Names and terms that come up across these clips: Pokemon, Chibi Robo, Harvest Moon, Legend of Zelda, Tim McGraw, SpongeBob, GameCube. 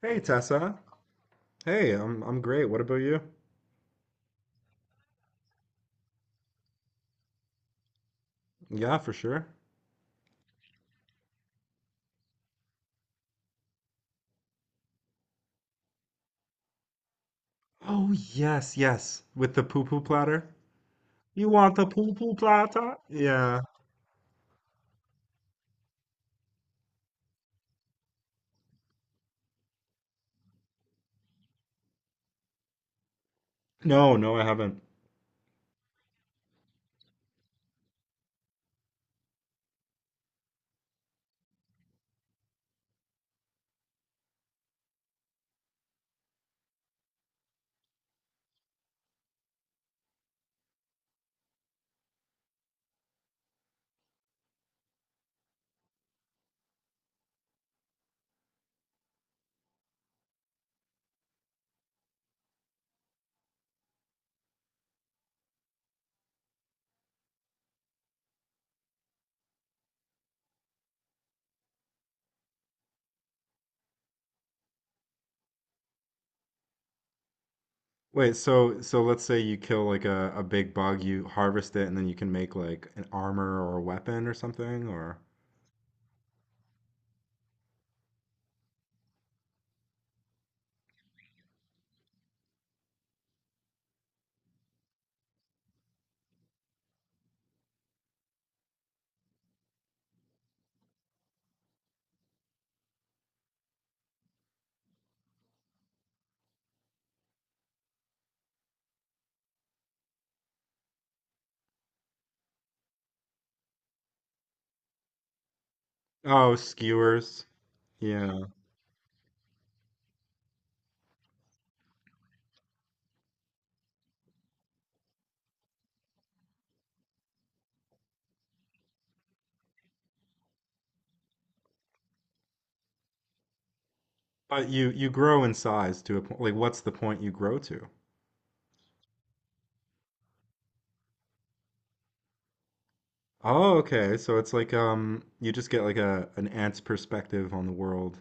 Hey Tessa. Hey, I'm great. What about you? Yeah, for sure. Oh yes, yes. With the poo-poo platter. You want the poo-poo platter? Yeah. No, no, I haven't. Wait, so let's say you kill like a big bug, you harvest it, and then you can make like an armor or a weapon or something, or oh, skewers. Yeah. But you grow in size to a point. Like, what's the point you grow to? Oh, okay. So it's like you just get like a an ant's perspective on the world.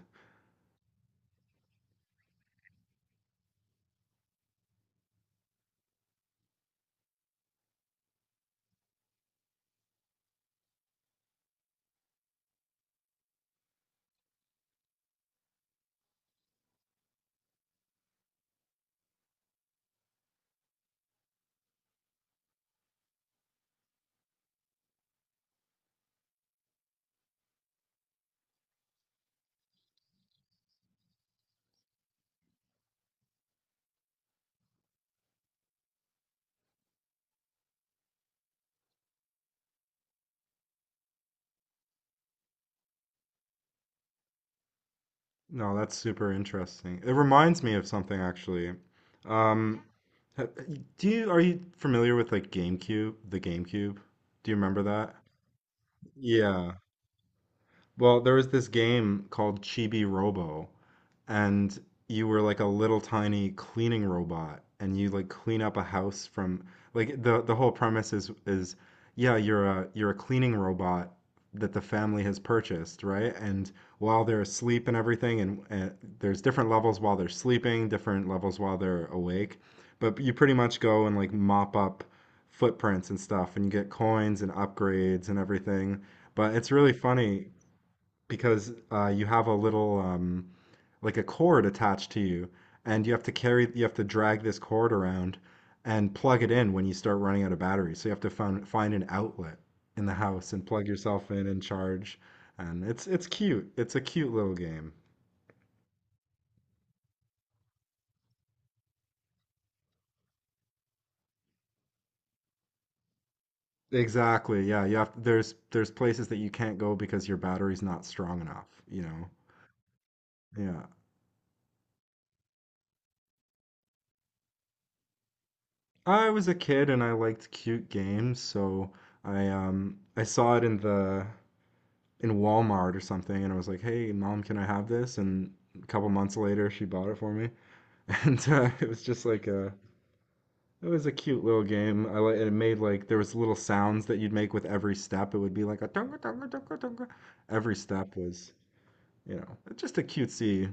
No, that's super interesting. It reminds me of something actually. Um, ha- do you are you familiar with like GameCube, the GameCube? Do you remember that? Yeah. Well, there was this game called Chibi Robo, and you were like a little tiny cleaning robot, and you like clean up a house from like the whole premise is yeah, you're a cleaning robot that the family has purchased, right? And while they're asleep and everything, and there's different levels while they're sleeping, different levels while they're awake, but you pretty much go and like mop up footprints and stuff, and you get coins and upgrades and everything. But it's really funny because you have a little like a cord attached to you, and you have to drag this cord around and plug it in when you start running out of battery. So you have to find an outlet in the house and plug yourself in and charge. And it's cute. It's a cute little game. Exactly. Yeah, you have there's places that you can't go because your battery's not strong enough, you know. Yeah. I was a kid and I liked cute games, so I saw it in the in Walmart or something, and I was like, "Hey, mom, can I have this?" And a couple months later, she bought it for me, and it was just like a it was a cute little game. I like it made like there was little sounds that you'd make with every step. It would be like a dunga dunga dunga dunga. Every step was, you know, just a cutesy.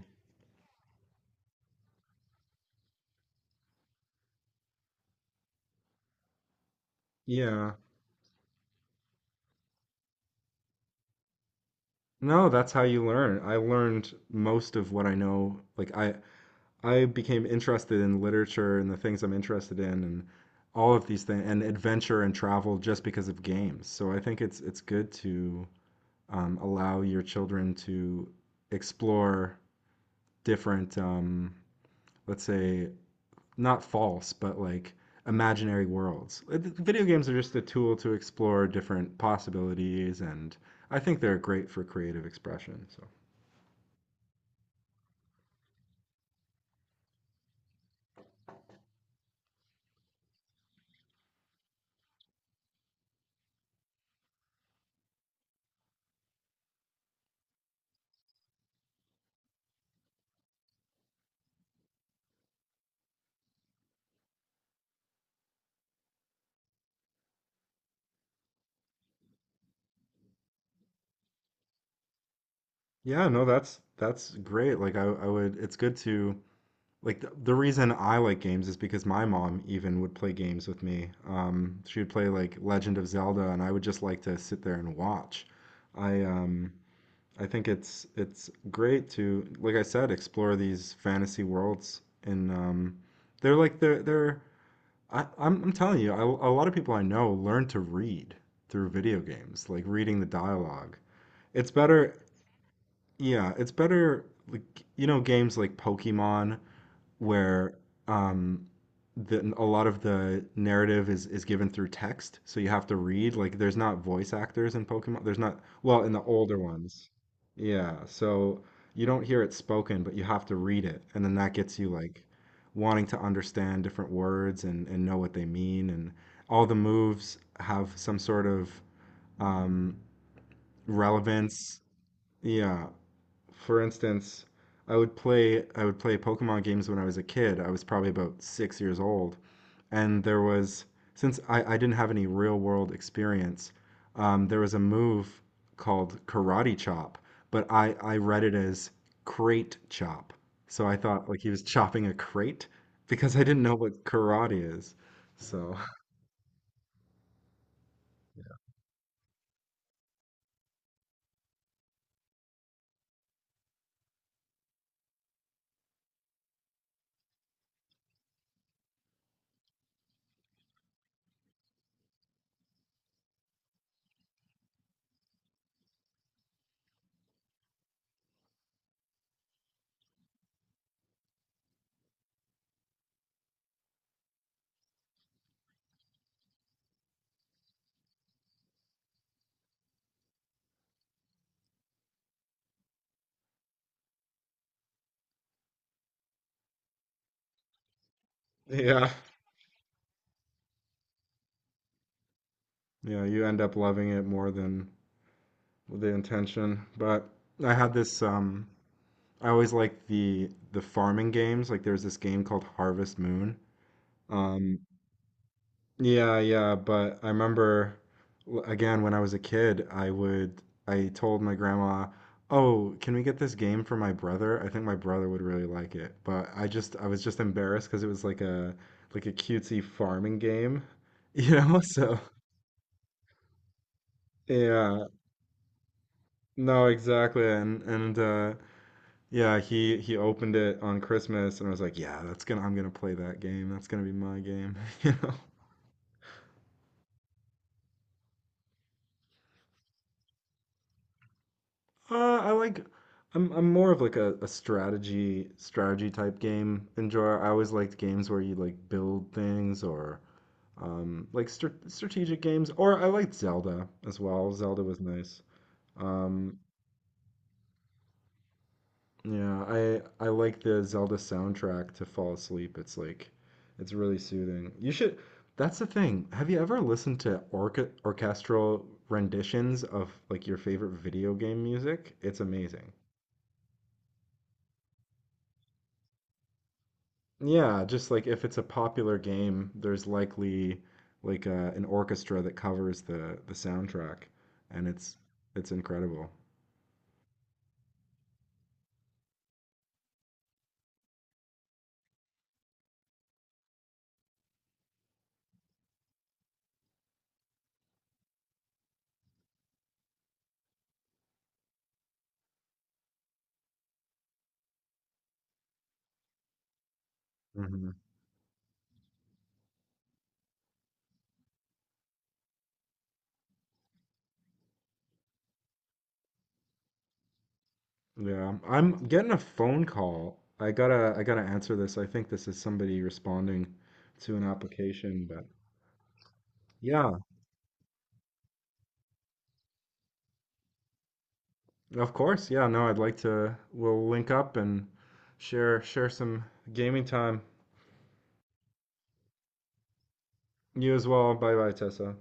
Yeah. No, that's how you learn. I learned most of what I know. I became interested in literature and the things I'm interested in and all of these things and adventure and travel just because of games. So I think it's good to allow your children to explore different, let's say, not false, but like imaginary worlds. Video games are just a tool to explore different possibilities, and I think they're great for creative expression. So yeah, no, that's great. It's good to like the reason I like games is because my mom even would play games with me. She would play like Legend of Zelda, and I would just like to sit there and watch. I um, I think it's great to, like I said, explore these fantasy worlds, and they're like they're they're. I'm telling you, a lot of people I know learn to read through video games, like reading the dialogue. It's better, yeah, it's better like you know games like Pokemon where um, a lot of the narrative is given through text, so you have to read. Like, there's not voice actors in Pokemon. There's not, well, in the older ones. Yeah, so you don't hear it spoken, but you have to read it, and then that gets you like wanting to understand different words and know what they mean, and all the moves have some sort of um, relevance. Yeah, for instance, I would play Pokemon games when I was a kid. I was probably about 6 years old, and there was since I didn't have any real world experience, there was a move called Karate Chop, but I read it as Crate Chop, so I thought like he was chopping a crate because I didn't know what karate is. So yeah, yeah, you end up loving it more than the intention. But I had this. I always like the farming games. Like there's this game called Harvest Moon. Um, yeah, yeah, but I remember again when I was a kid, I told my grandma, "Oh, can we get this game for my brother? I think my brother would really like it." But I was just embarrassed because it was like a cutesy farming game, you know? So, yeah. No, exactly. And Yeah, he opened it on Christmas, and I was like, "Yeah, that's gonna I'm gonna play that game. That's gonna be my game." You know, I like I'm more of like a strategy type game enjoyer. I always liked games where you like build things or like strategic games, or I liked Zelda as well. Zelda was nice. Um, Yeah, I like the Zelda soundtrack to fall asleep. It's like it's really soothing. You should that's the thing. Have you ever listened to orca orchestral renditions of like your favorite video game music? It's amazing. Yeah, just like if it's a popular game, there's likely like an orchestra that covers the soundtrack and it's incredible. Mm-hmm. Yeah, I'm getting a phone call. I gotta answer this. I think this is somebody responding to an application, but yeah, of course. Yeah, no, I'd like to we'll link up and share some gaming time. You as well. Bye bye, Tessa.